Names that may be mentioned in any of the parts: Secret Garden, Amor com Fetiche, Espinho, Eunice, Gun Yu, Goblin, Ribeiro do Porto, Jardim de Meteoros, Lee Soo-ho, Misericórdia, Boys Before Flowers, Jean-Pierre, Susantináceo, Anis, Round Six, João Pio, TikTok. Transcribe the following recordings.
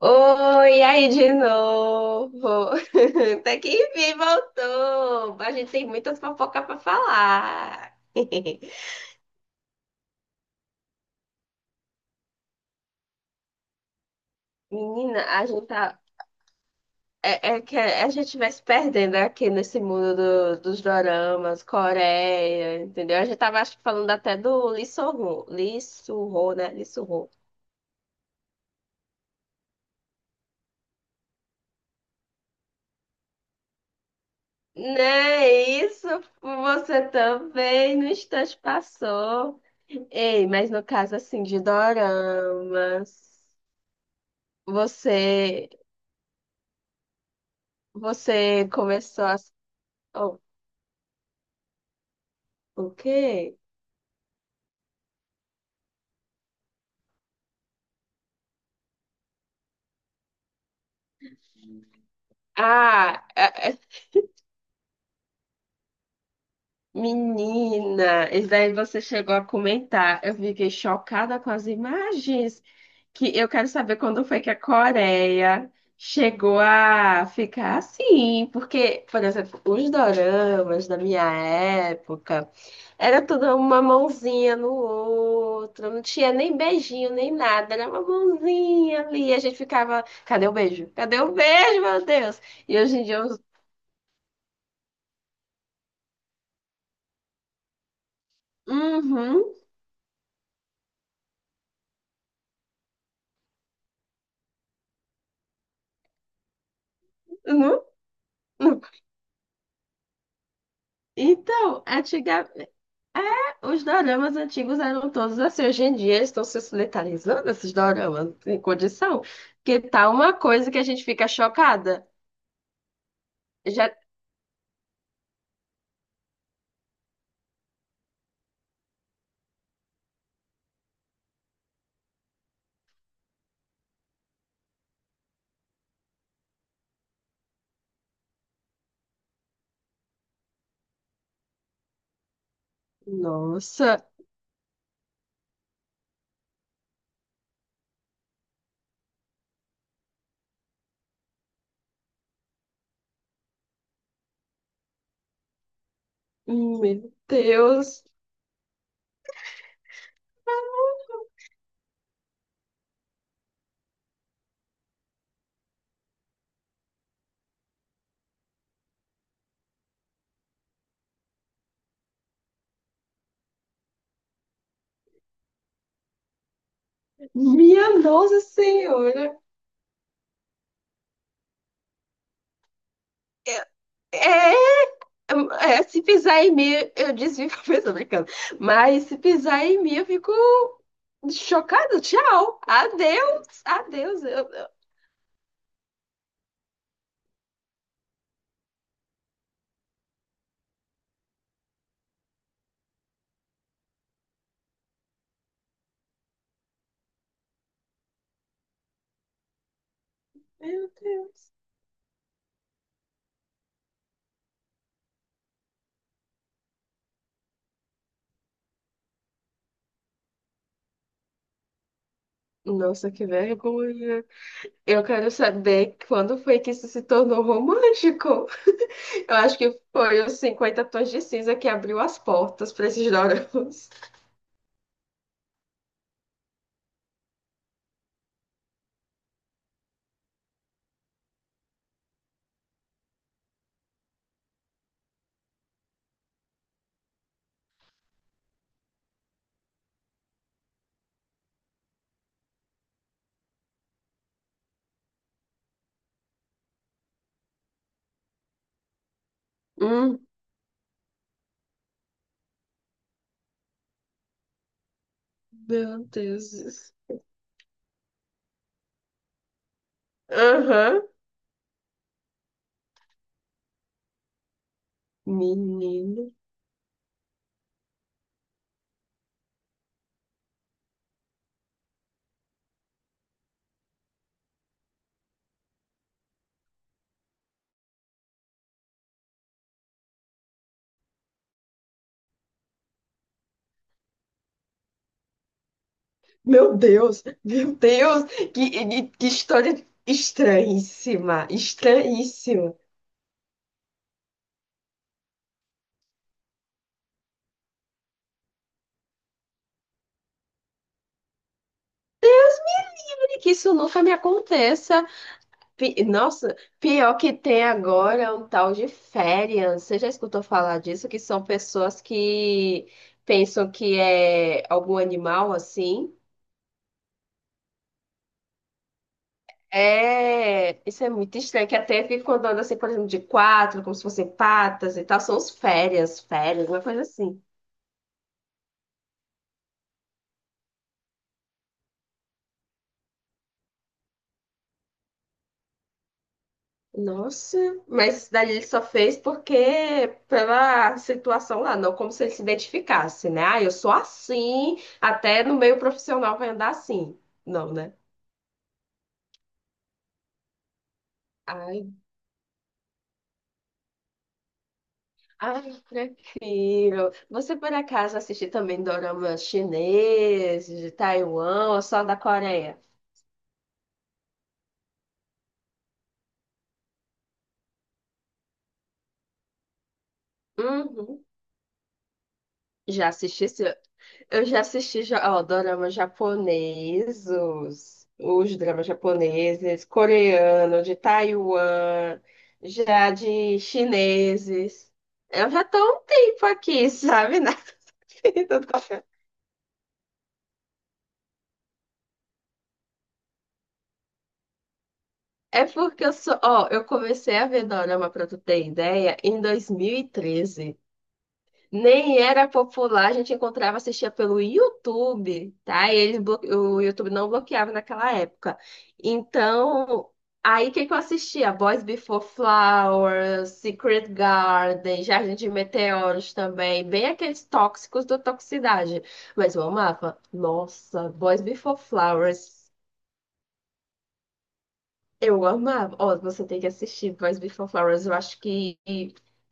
Oi, aí de novo. Até que enfim voltou. A gente tem muitas fofocas para falar. Menina, a gente tá. É que a gente vai se perdendo aqui nesse mundo dos doramas, Coreia, entendeu? A gente tava acho, que falando até do Lee Soo-ho, né? Lee Soo-ho. Né, isso você também no instante passou. Ei, mas no caso assim de doramas. Você, você começou a. Oh, o quê? Ah, menina, isso daí você chegou a comentar. Eu fiquei chocada com as imagens. Que eu quero saber quando foi que a Coreia chegou a ficar assim, porque, por exemplo, os doramas da minha época era tudo uma mãozinha no outro, não tinha nem beijinho, nem nada, era uma mãozinha ali, a gente ficava, cadê o beijo? Cadê o beijo, meu Deus? E hoje em dia, eu... Uhum, não, não. Então, antiga, é, os doramas antigos eram todos assim. Hoje em dia eles estão se solidarizando, esses doramas, não condição. Que tá uma coisa que a gente fica chocada. Já... Nossa, meu Deus, minha Nossa Senhora. É, é, é, se pisar em mim, eu desvio pra pessoa brincando. Mas se pisar em mim, eu fico chocada. Tchau, adeus, adeus. Meu Deus. Nossa, que vergonha. Eu quero saber quando foi que isso se tornou romântico. Eu acho que foi os 50 Tons de Cinza que abriu as portas para esses doramas. Hum, meu Deus. Aham. Menino. Meu Deus. Meu Deus. Que história estranhíssima. Estranhíssima. E que isso nunca me aconteça. Pi- Nossa, pior que tem agora é um tal de férias. Você já escutou falar disso? Que são pessoas que pensam que é algum animal assim. É, isso é muito estranho, que até ficam andando assim, por exemplo, de quatro, como se fossem patas e tal. São os férias, uma coisa assim. Nossa, mas isso daí ele só fez porque pela situação lá, não como se ele se identificasse, né? Ah, eu sou assim, até no meio profissional vai andar assim. Não, né? Ai, ai, prefiro. Você por acaso assiste também doramas chineses, de Taiwan ou só da Coreia? Uhum. Já assisti, eu já assisti já, ó, doramas japoneses, os dramas japoneses, coreano, de Taiwan, já de chineses. Eu já tô há um tempo aqui, sabe, na vida. É porque eu sou. Ó, eu comecei a ver dorama, pra tu ter ideia, em 2013. Nem era popular, a gente encontrava, assistia pelo YouTube, tá? E eles o YouTube não bloqueava naquela época. Então, aí o que que eu assistia? Boys Before Flowers, Secret Garden, Jardim de Meteoros também, bem aqueles tóxicos do Toxicidade. Mas eu amava. Nossa, Boys Before Flowers. Eu amava. Ó, você tem que assistir Boys Before Flowers. Eu acho que.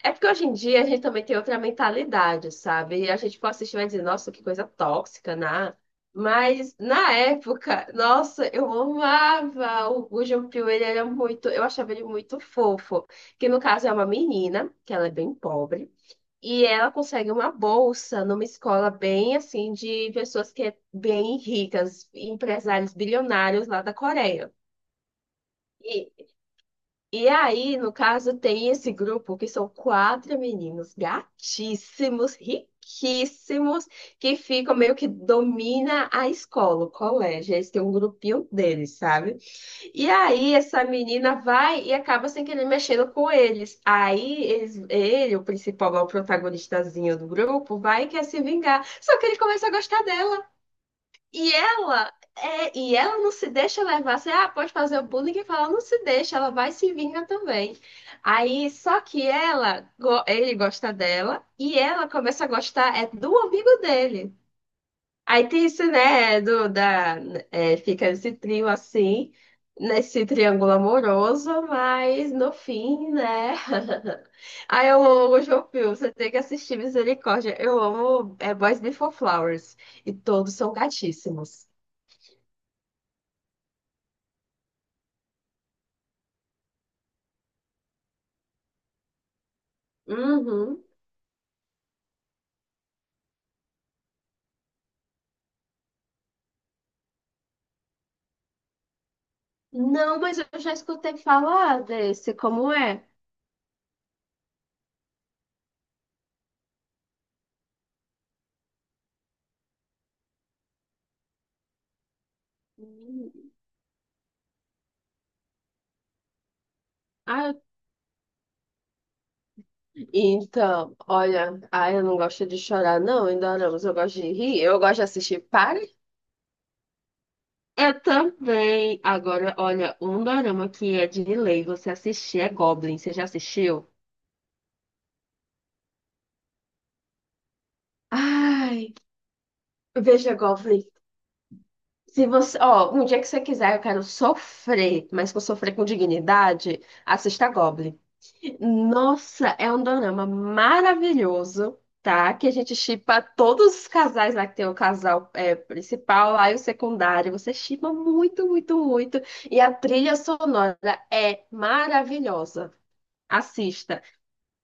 É porque hoje em dia a gente também tem outra mentalidade, sabe? E a gente pode assistir e vai dizer, nossa, que coisa tóxica, né? Mas na época, nossa, eu amava o Jean-Pierre, ele era muito. Eu achava ele muito fofo. Que no caso é uma menina, que ela é bem pobre. E ela consegue uma bolsa numa escola bem assim de pessoas que é bem ricas, empresários bilionários lá da Coreia. E e aí, no caso, tem esse grupo que são quatro meninos gatíssimos, riquíssimos, que ficam meio que domina a escola, o colégio. Eles têm um grupinho deles, sabe? E aí, essa menina vai e acaba sem querer mexendo com eles. Aí, eles, ele, o principal, lá, o protagonistazinho do grupo, vai e quer se vingar. Só que ele começa a gostar dela. E ela, é, e ela não se deixa levar. Você, ah, pode fazer o bullying e falar, não se deixa, ela vai se vingar também. Aí, só que ela, ele gosta dela e ela começa a gostar é do amigo dele. Aí tem isso, né, do, da, é, fica esse trio assim, nesse triângulo amoroso, mas no fim, né? Aí eu amo João Pio, você tem que assistir Misericórdia. Eu amo é, Boys Before Flowers e todos são gatíssimos. Uhum. Não, mas eu já escutei falar desse, como é? Hum. Ah, então, olha, ah, eu não gosto de chorar, não, em doramas, eu gosto de rir, eu gosto de assistir Pare. Eu também. Agora, olha, um dorama que é de lei, você assistir é Goblin, você já assistiu? Ai, veja Goblin. Se você, ó, um dia que você quiser, eu quero sofrer, mas que eu sofrer com dignidade, assista Goblin. Nossa, é um dorama maravilhoso, tá? Que a gente shippa todos os casais lá, que tem o casal é, principal lá e o secundário. Você shippa muito, muito, muito. E a trilha sonora é maravilhosa. Assista.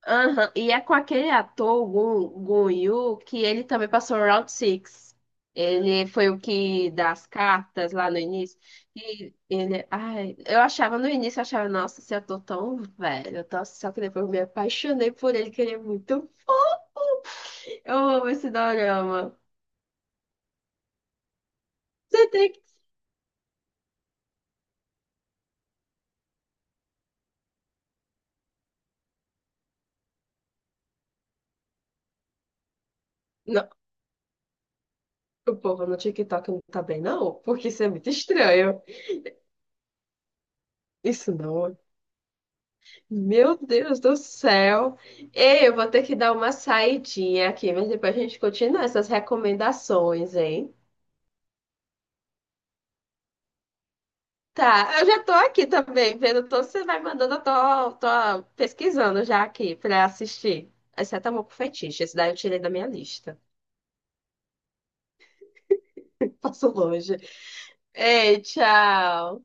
Aham, e é com aquele ator, o Gun Yu, que ele também passou no Round Six. Ele foi o que das cartas lá no início. E ele, ai, eu achava no início, eu achava, nossa, esse ator tão velho, tão... só que depois eu me apaixonei por ele, queria muito. Eu amo esse dorama. Você tem que. Não, o povo no TikTok não tá bem, não, porque isso é muito estranho. Isso não. É meu Deus do céu. Ei, eu vou ter que dar uma saidinha aqui, mas depois a gente continua essas recomendações, hein? Tá, eu já tô aqui também, vendo tudo que você vai mandando, eu tô, tô pesquisando já aqui pra assistir. Exceto Amor com Fetiche, esse daí eu tirei da minha lista. Passo longe. Ei, tchau.